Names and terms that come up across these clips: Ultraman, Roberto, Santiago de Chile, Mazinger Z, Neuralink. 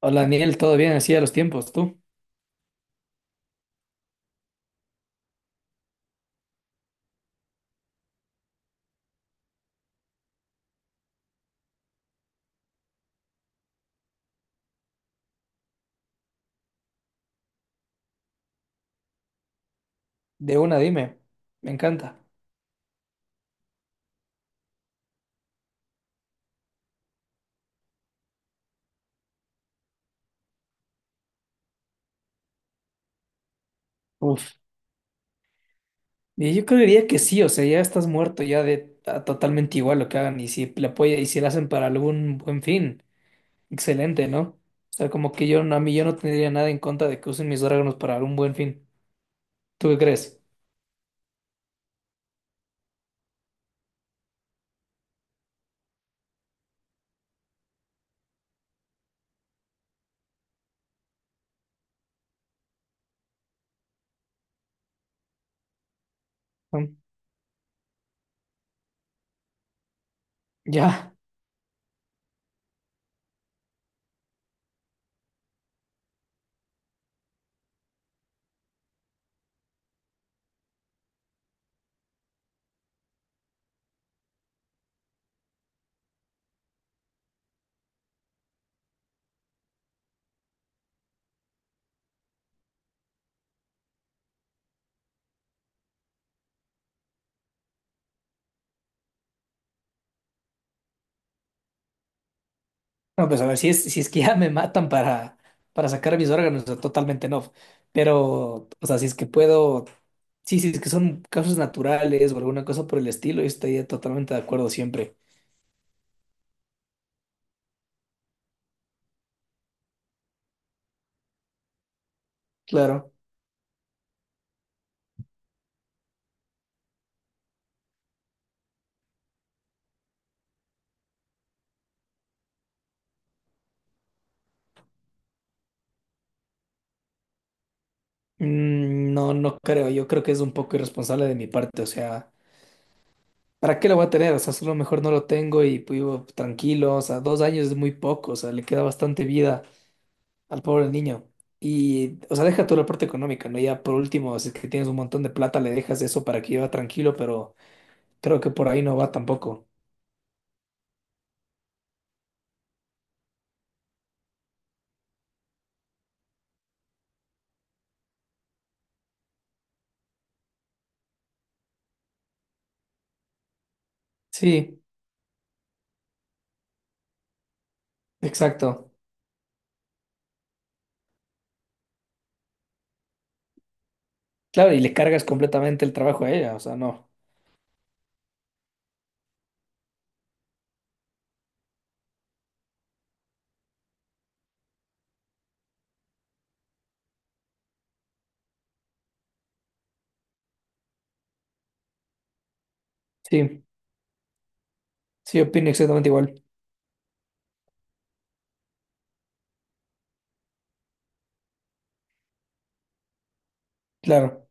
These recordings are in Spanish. Hola, Daniel, ¿todo bien? Así a los tiempos, tú. De una, dime. Me encanta. Uf. Y yo creería que sí, o sea, ya estás muerto, ya totalmente igual lo que hagan. Y si le apoya y si lo hacen para algún buen fin, excelente, ¿no? O sea, como que yo no, a mí yo no tendría nada en contra de que usen mis órganos para algún buen fin. ¿Tú qué crees? Mm. Ya. No, pues a ver, si es que ya me matan para sacar mis órganos, o sea, totalmente no. Pero, o sea, si es que puedo, sí, si es que son casos naturales o alguna cosa por el estilo, yo estaría totalmente de acuerdo siempre. Claro. Mm, no, no creo. Yo creo que es un poco irresponsable de mi parte. O sea, ¿para qué lo voy a tener? O sea, solo mejor no lo tengo y vivo tranquilo. O sea, 2 años es muy poco. O sea, le queda bastante vida al pobre niño. Y, o sea, deja toda la parte económica, ¿no? Ya por último, si es que tienes un montón de plata, le dejas eso para que lleva tranquilo, pero creo que por ahí no va tampoco. Sí, exacto. Claro, y le cargas completamente el trabajo a ella, o sea, no. Sí, sí, opino exactamente igual. Claro.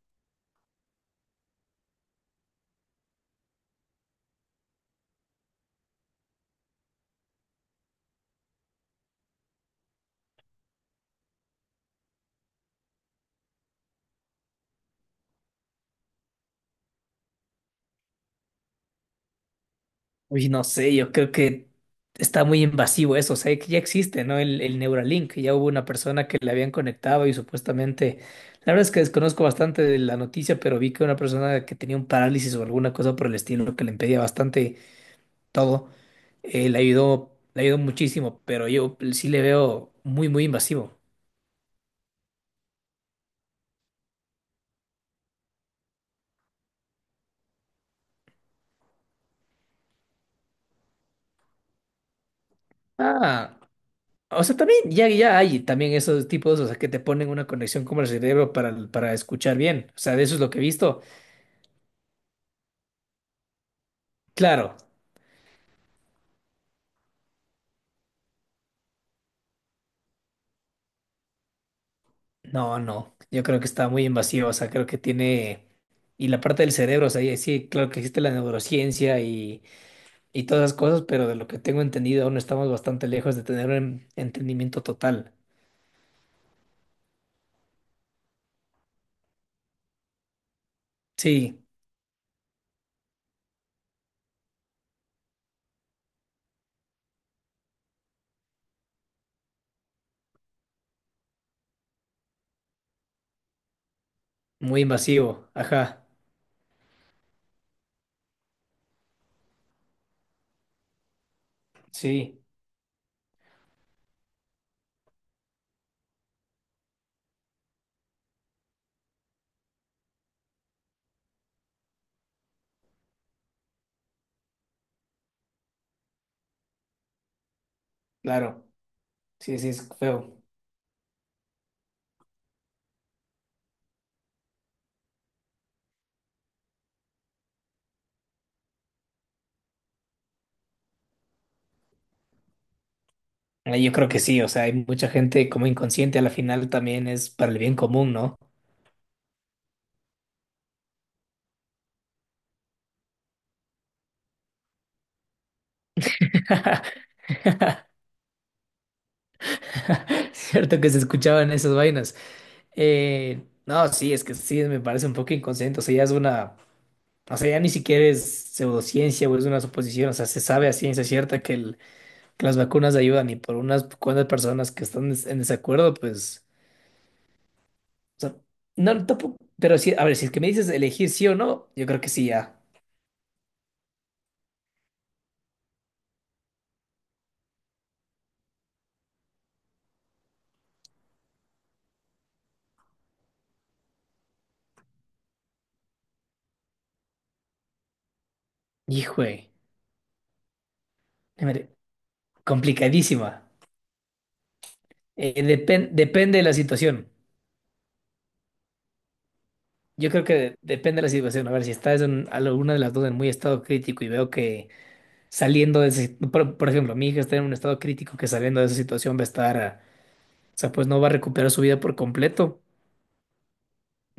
Uy, no sé, yo creo que está muy invasivo eso, o sea, que ya existe, ¿no? El Neuralink, ya hubo una persona que le habían conectado y supuestamente, la verdad es que desconozco bastante de la noticia, pero vi que una persona que tenía un parálisis o alguna cosa por el estilo que le impedía bastante todo, le ayudó muchísimo, pero yo sí le veo muy, muy invasivo. Ah, o sea, también ya, hay también esos tipos, o sea, que te ponen una conexión como el cerebro para escuchar bien, o sea, de eso es lo que he visto. Claro, no, no, yo creo que está muy invasivo, o sea, creo que tiene, y la parte del cerebro, o sea, y sí, claro que existe la neurociencia y todas esas cosas, pero de lo que tengo entendido aún estamos bastante lejos de tener un entendimiento total. Sí, muy invasivo, ajá, sí, claro, sí, sí, es feo. Yo creo que sí, o sea, hay mucha gente como inconsciente, a la final también es para el bien común, ¿no? Cierto que se escuchaban esas vainas. No, sí, es que sí, me parece un poco inconsciente, o sea, ya es una. O sea, ya ni siquiera es pseudociencia o es una suposición. O sea, se sabe a ciencia cierta que, que las vacunas ayudan y por unas cuantas personas que están en desacuerdo, pues. O sea, no, tampoco. Pero sí, a ver, si es que me dices elegir sí o no, yo creo que sí ya. Hijo, complicadísima. Depende de la situación. Yo creo que depende de la situación. A ver, si estás en alguna de las dos en muy estado crítico y veo que saliendo de ese. Por ejemplo, mi hija está en un estado crítico que saliendo de esa situación va a estar. O sea, pues no va a recuperar su vida por completo.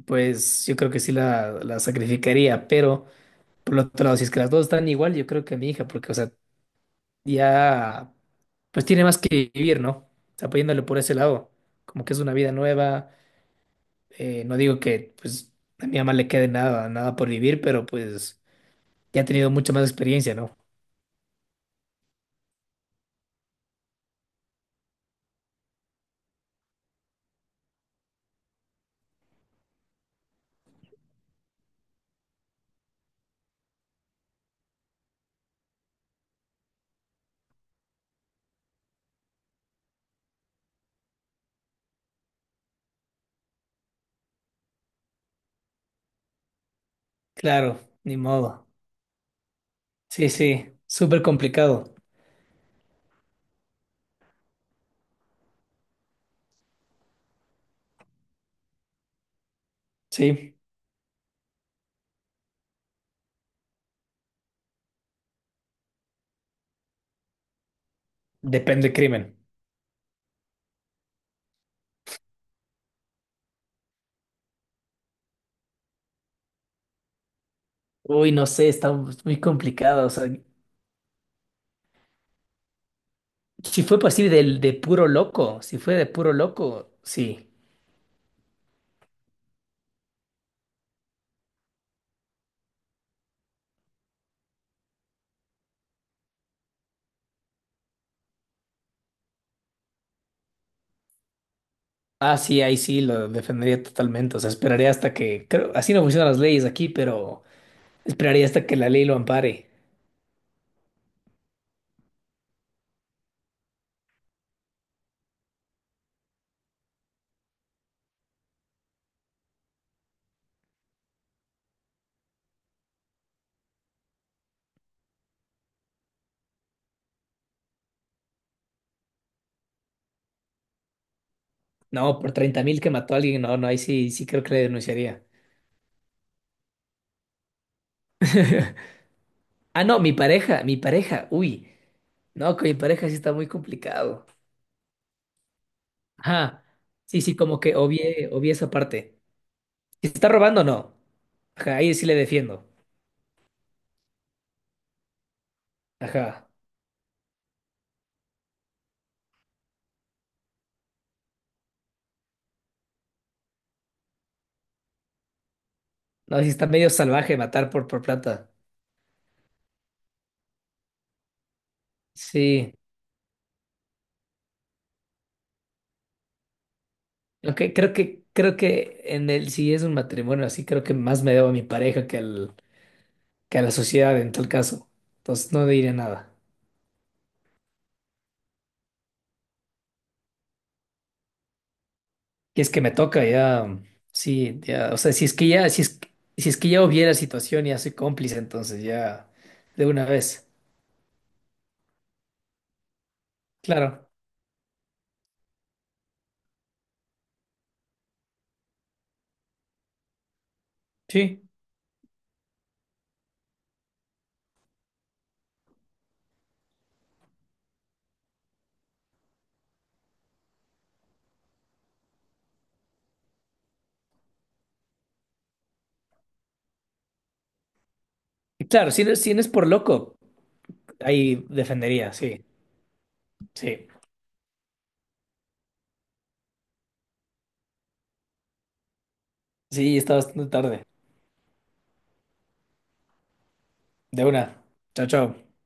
Pues yo creo que sí la sacrificaría, pero por el otro lado, si es que las dos están igual, yo creo que mi hija, porque, o sea, ya, pues tiene más que vivir, ¿no? O sea, apoyándole por ese lado, como que es una vida nueva. No digo que, pues, a mi mamá le quede nada, nada por vivir, pero pues ya ha tenido mucha más experiencia, ¿no? Claro, ni modo. Sí, sí, súper complicado. Sí, depende del crimen. Uy, no sé, está muy complicado. O sea, si fue posible de puro loco, si fue de puro loco, sí. Ah, sí, ahí sí lo defendería totalmente. O sea, esperaría hasta que, creo, así no funcionan las leyes aquí, pero esperaría hasta que la ley lo ampare. No, por 30.000 que mató a alguien, no, no, ahí sí, sí creo que le denunciaría. Ah, no, mi pareja, uy. No, con mi pareja sí está muy complicado. Ajá. Sí, sí, como que obvié esa parte. Si está robando, no. Ajá, ahí sí le defiendo. Ajá. No, si está medio salvaje matar por, plata. Sí, aunque creo que en el si es un matrimonio así, creo que más me debo a mi pareja que al que a la sociedad en tal caso. Entonces no diré nada. Y es que me toca ya, sí, ya, o sea, si es que ya hubiera situación, ya soy cómplice, entonces ya de una vez. Claro, sí. Y claro, si no es por loco, ahí defendería, sí, sí. Sí, está bastante tarde. De una. Chao, chao.